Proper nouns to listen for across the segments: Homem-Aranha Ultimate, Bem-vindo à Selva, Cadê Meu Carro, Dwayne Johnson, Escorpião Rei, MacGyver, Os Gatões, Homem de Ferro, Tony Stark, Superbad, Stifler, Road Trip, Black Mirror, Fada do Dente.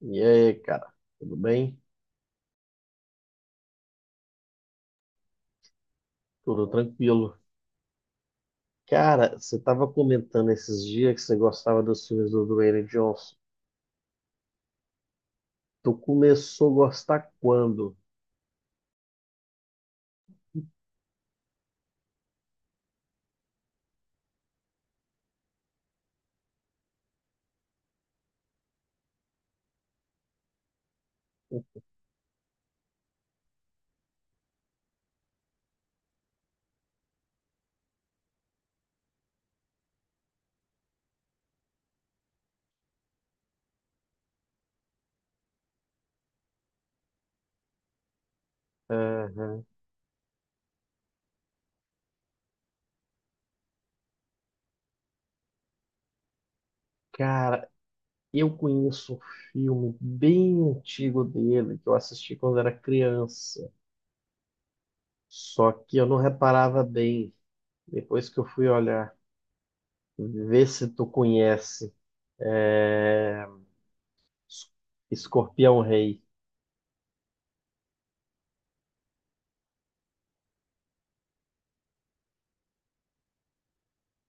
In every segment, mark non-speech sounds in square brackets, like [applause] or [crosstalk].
E aí, cara, tudo bem? Tudo tranquilo. Cara, você tava comentando esses dias que você gostava dos filmes do Dwayne Johnson. Tu começou a gostar quando? Aham. Cara, eu conheço um filme bem antigo dele que eu assisti quando era criança. Só que eu não reparava bem. Depois que eu fui olhar, vê se tu conhece. É... Escorpião Rei.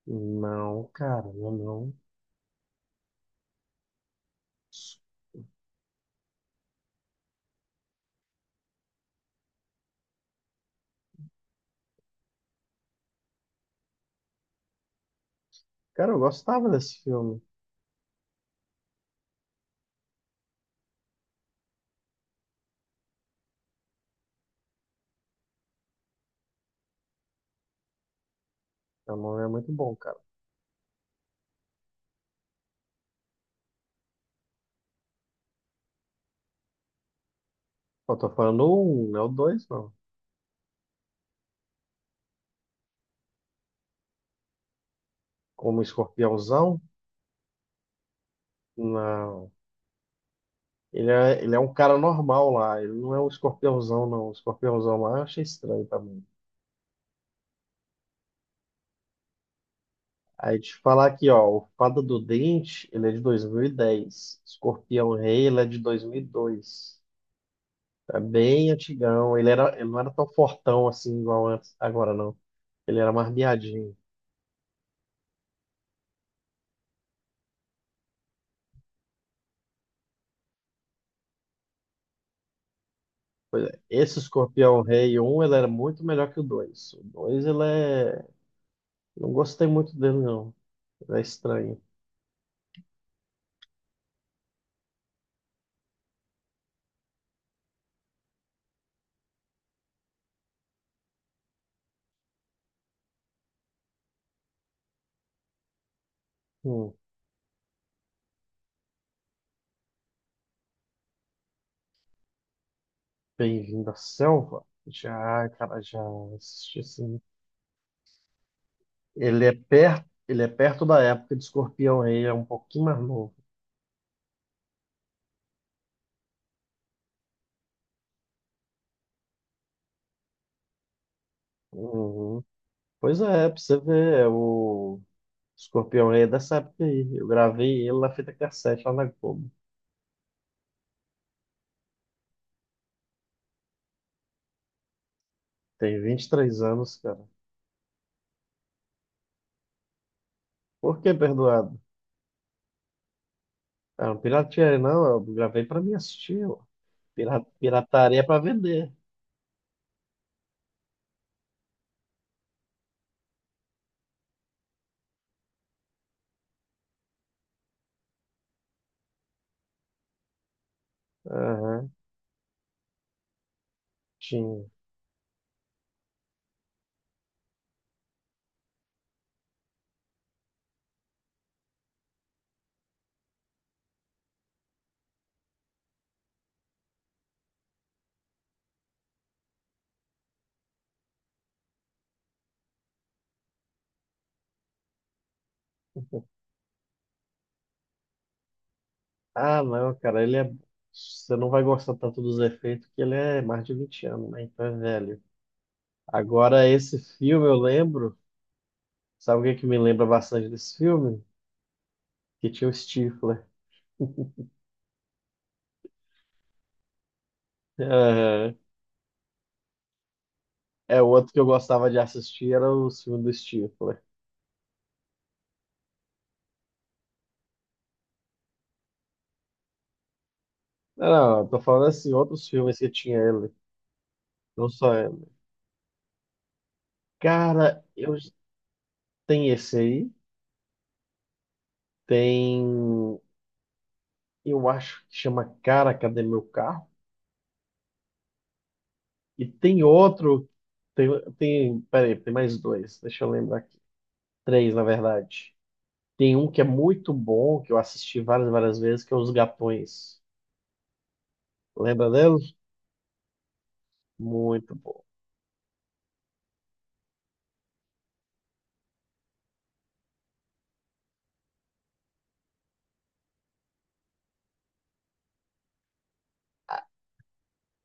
Não, cara, não, não. Cara, eu gostava desse filme. Tamão é muito bom, cara. Eu tô falando um, não é o dois, não. Como escorpiãozão? Não. Ele é um cara normal lá. Ele não é um escorpiãozão, não. O escorpiãozão lá eu achei estranho também. Aí te falar aqui, ó. O Fada do Dente, ele é de 2010. Escorpião Rei, ele é de 2002. É bem antigão. Ele era, ele não era tão fortão assim igual antes. Agora não. Ele era mais miadinho. Pois é, esse Escorpião Rei um ele era muito melhor que o dois. O 2 ele é... Não gostei muito dele, não. Ele é estranho. Hum, Bem-vindo à Selva? Já, cara, já assisti assim. Ele é perto da época de Escorpião Rei, é um pouquinho mais novo. Uhum. Pois é, pra você ver, é o Escorpião Rei é dessa época aí. Eu gravei ele na fita cassete lá na Globo. Tem 23 anos, cara. Por que perdoado? Ah, não pirateei, não. Eu gravei pra mim assistir. Pira- Pirataria é pra vender. Aham, tinha. Ah, não, cara, ele é. Você não vai gostar tanto dos efeitos, que ele é mais de 20 anos, né? Então é velho. Agora, esse filme eu lembro. Sabe o que é que me lembra bastante desse filme? Que tinha o Stifler. Aham. É outro que eu gostava de assistir, era o filme do Stifler. Não, não, eu tô falando assim, outros filmes que tinha ele, não só ele. Cara, eu tem esse aí, tem. Eu acho que chama Cara, Cadê Meu Carro? E tem outro. Tem, tem, peraí, tem mais dois. Deixa eu lembrar aqui. Três, na verdade. Tem um que é muito bom, que eu assisti várias, várias vezes, que é Os Gatões. Lembra dele? Muito bom.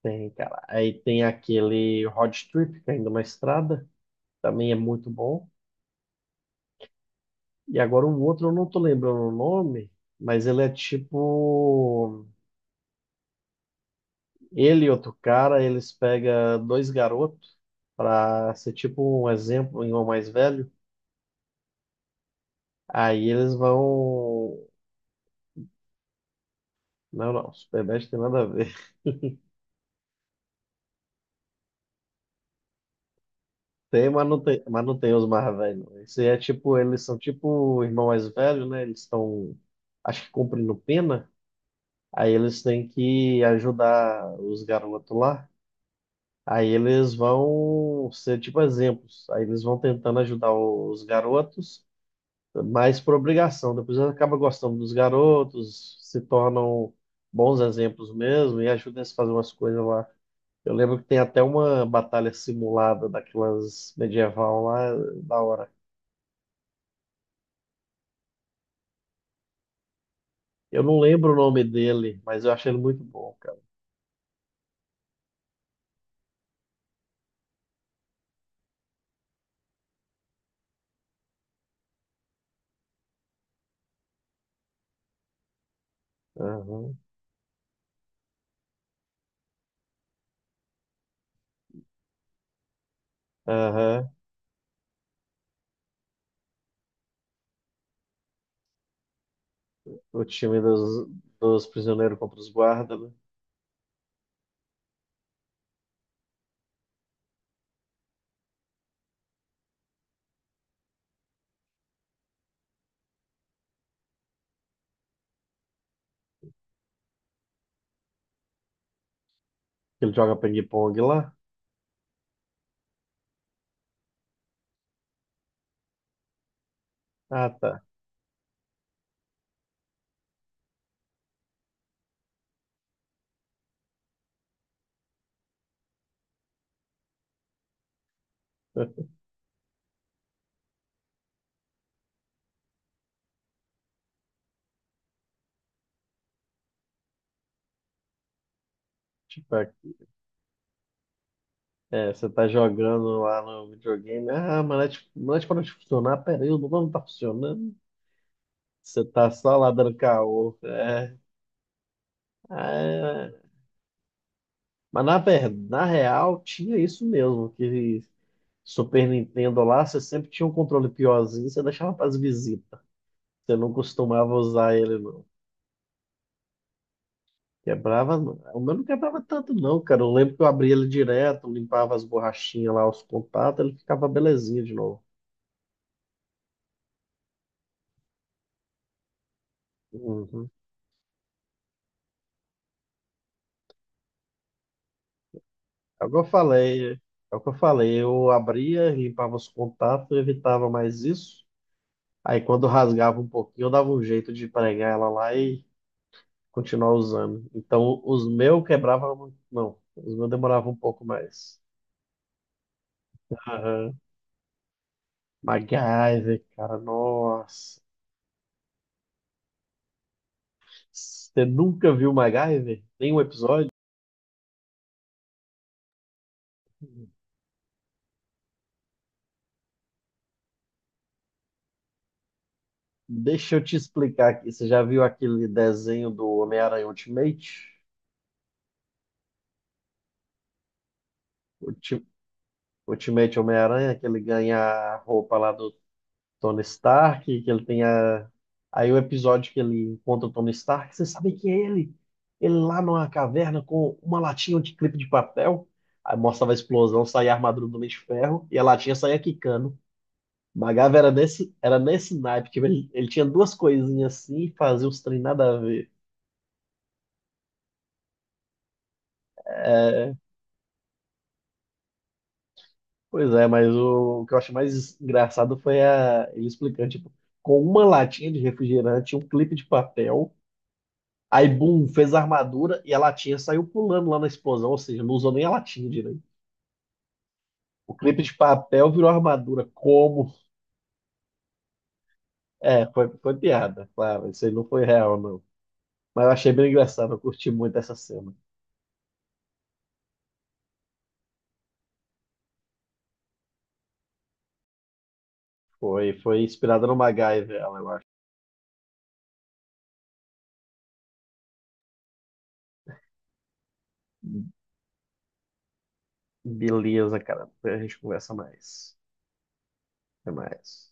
Tem, cara. Aí tem aquele Road Trip, caindo ainda é uma estrada. Também é muito bom. E agora um outro, eu não tô lembrando o nome, mas ele é tipo. Ele e outro cara, eles pegam dois garotos para ser tipo um exemplo em um irmão mais velho. Aí eles vão. Não, não, Superbad tem nada a ver. [laughs] Tem, mas não tem os mais velhos. Não. Esse é tipo, eles são tipo o irmão mais velho, né? Eles estão, acho que cumprindo pena. Aí eles têm que ajudar os garotos lá. Aí eles vão ser tipo exemplos. Aí eles vão tentando ajudar os garotos, mas por obrigação. Depois eles acabam gostando dos garotos, se tornam bons exemplos mesmo e ajudam eles a fazer umas coisas lá. Eu lembro que tem até uma batalha simulada daquelas medieval lá, da hora. Eu não lembro o nome dele, mas eu achei ele muito bom, cara. Aham, aham. O time dos, dos prisioneiros contra os guardas, né? Ele joga ping-pong lá. Ah, tá. [laughs] Tipo, é, você tá jogando lá no videogame. Ah, mas não é de- não é de- para de funcionar. Pera aí, o botão não tá funcionando. Você tá só lá dando caô. É. Ah, é. Mas na verdade, na real, tinha isso mesmo, que Super Nintendo lá, você sempre tinha um controle piorzinho, você deixava para as visitas. Você não costumava usar ele, não. Quebrava, não. O meu não quebrava tanto, não, cara. Eu lembro que eu abria ele direto, limpava as borrachinhas lá, os contatos, ele ficava belezinha de novo. Uhum. É o que eu falei, é o que eu falei. Eu abria, limpava os contatos, eu evitava mais isso. Aí quando rasgava um pouquinho, eu dava um jeito de pregar ela lá e continuar usando. Então os meus quebravam, muito, não, os meus demoravam um pouco mais. Aham. MacGyver, cara, nossa. Você nunca viu MacGyver? Nenhum episódio? Deixa eu te explicar aqui. Você já viu aquele desenho do Homem-Aranha Ultimate? Ulti- Ultimate Homem-Aranha, que ele ganha a roupa lá do Tony Stark, que ele tem a... Aí o episódio que ele encontra o Tony Stark, você sabe que é ele? Ele lá numa caverna com uma latinha de clipe de papel, aí mostrava a explosão, saía a armadura do Homem de Ferro, e a latinha saía quicando. Magava era nesse naipe, que ele tinha duas coisinhas assim e fazia uns trem nada a ver. Pois é, mas o que eu acho mais engraçado foi a, ele explicando, tipo, com uma latinha de refrigerante, um clipe de papel, aí, bum, fez a armadura e a latinha saiu pulando lá na explosão, ou seja, não usou nem a latinha direito. O clipe de papel virou armadura. Como? É, foi piada, claro, isso aí não foi real, não. Mas eu achei bem engraçado, eu curti muito essa cena. Foi inspirada no MacGyver, ela, eu acho. Beleza, cara. Depois a gente conversa mais. Até mais.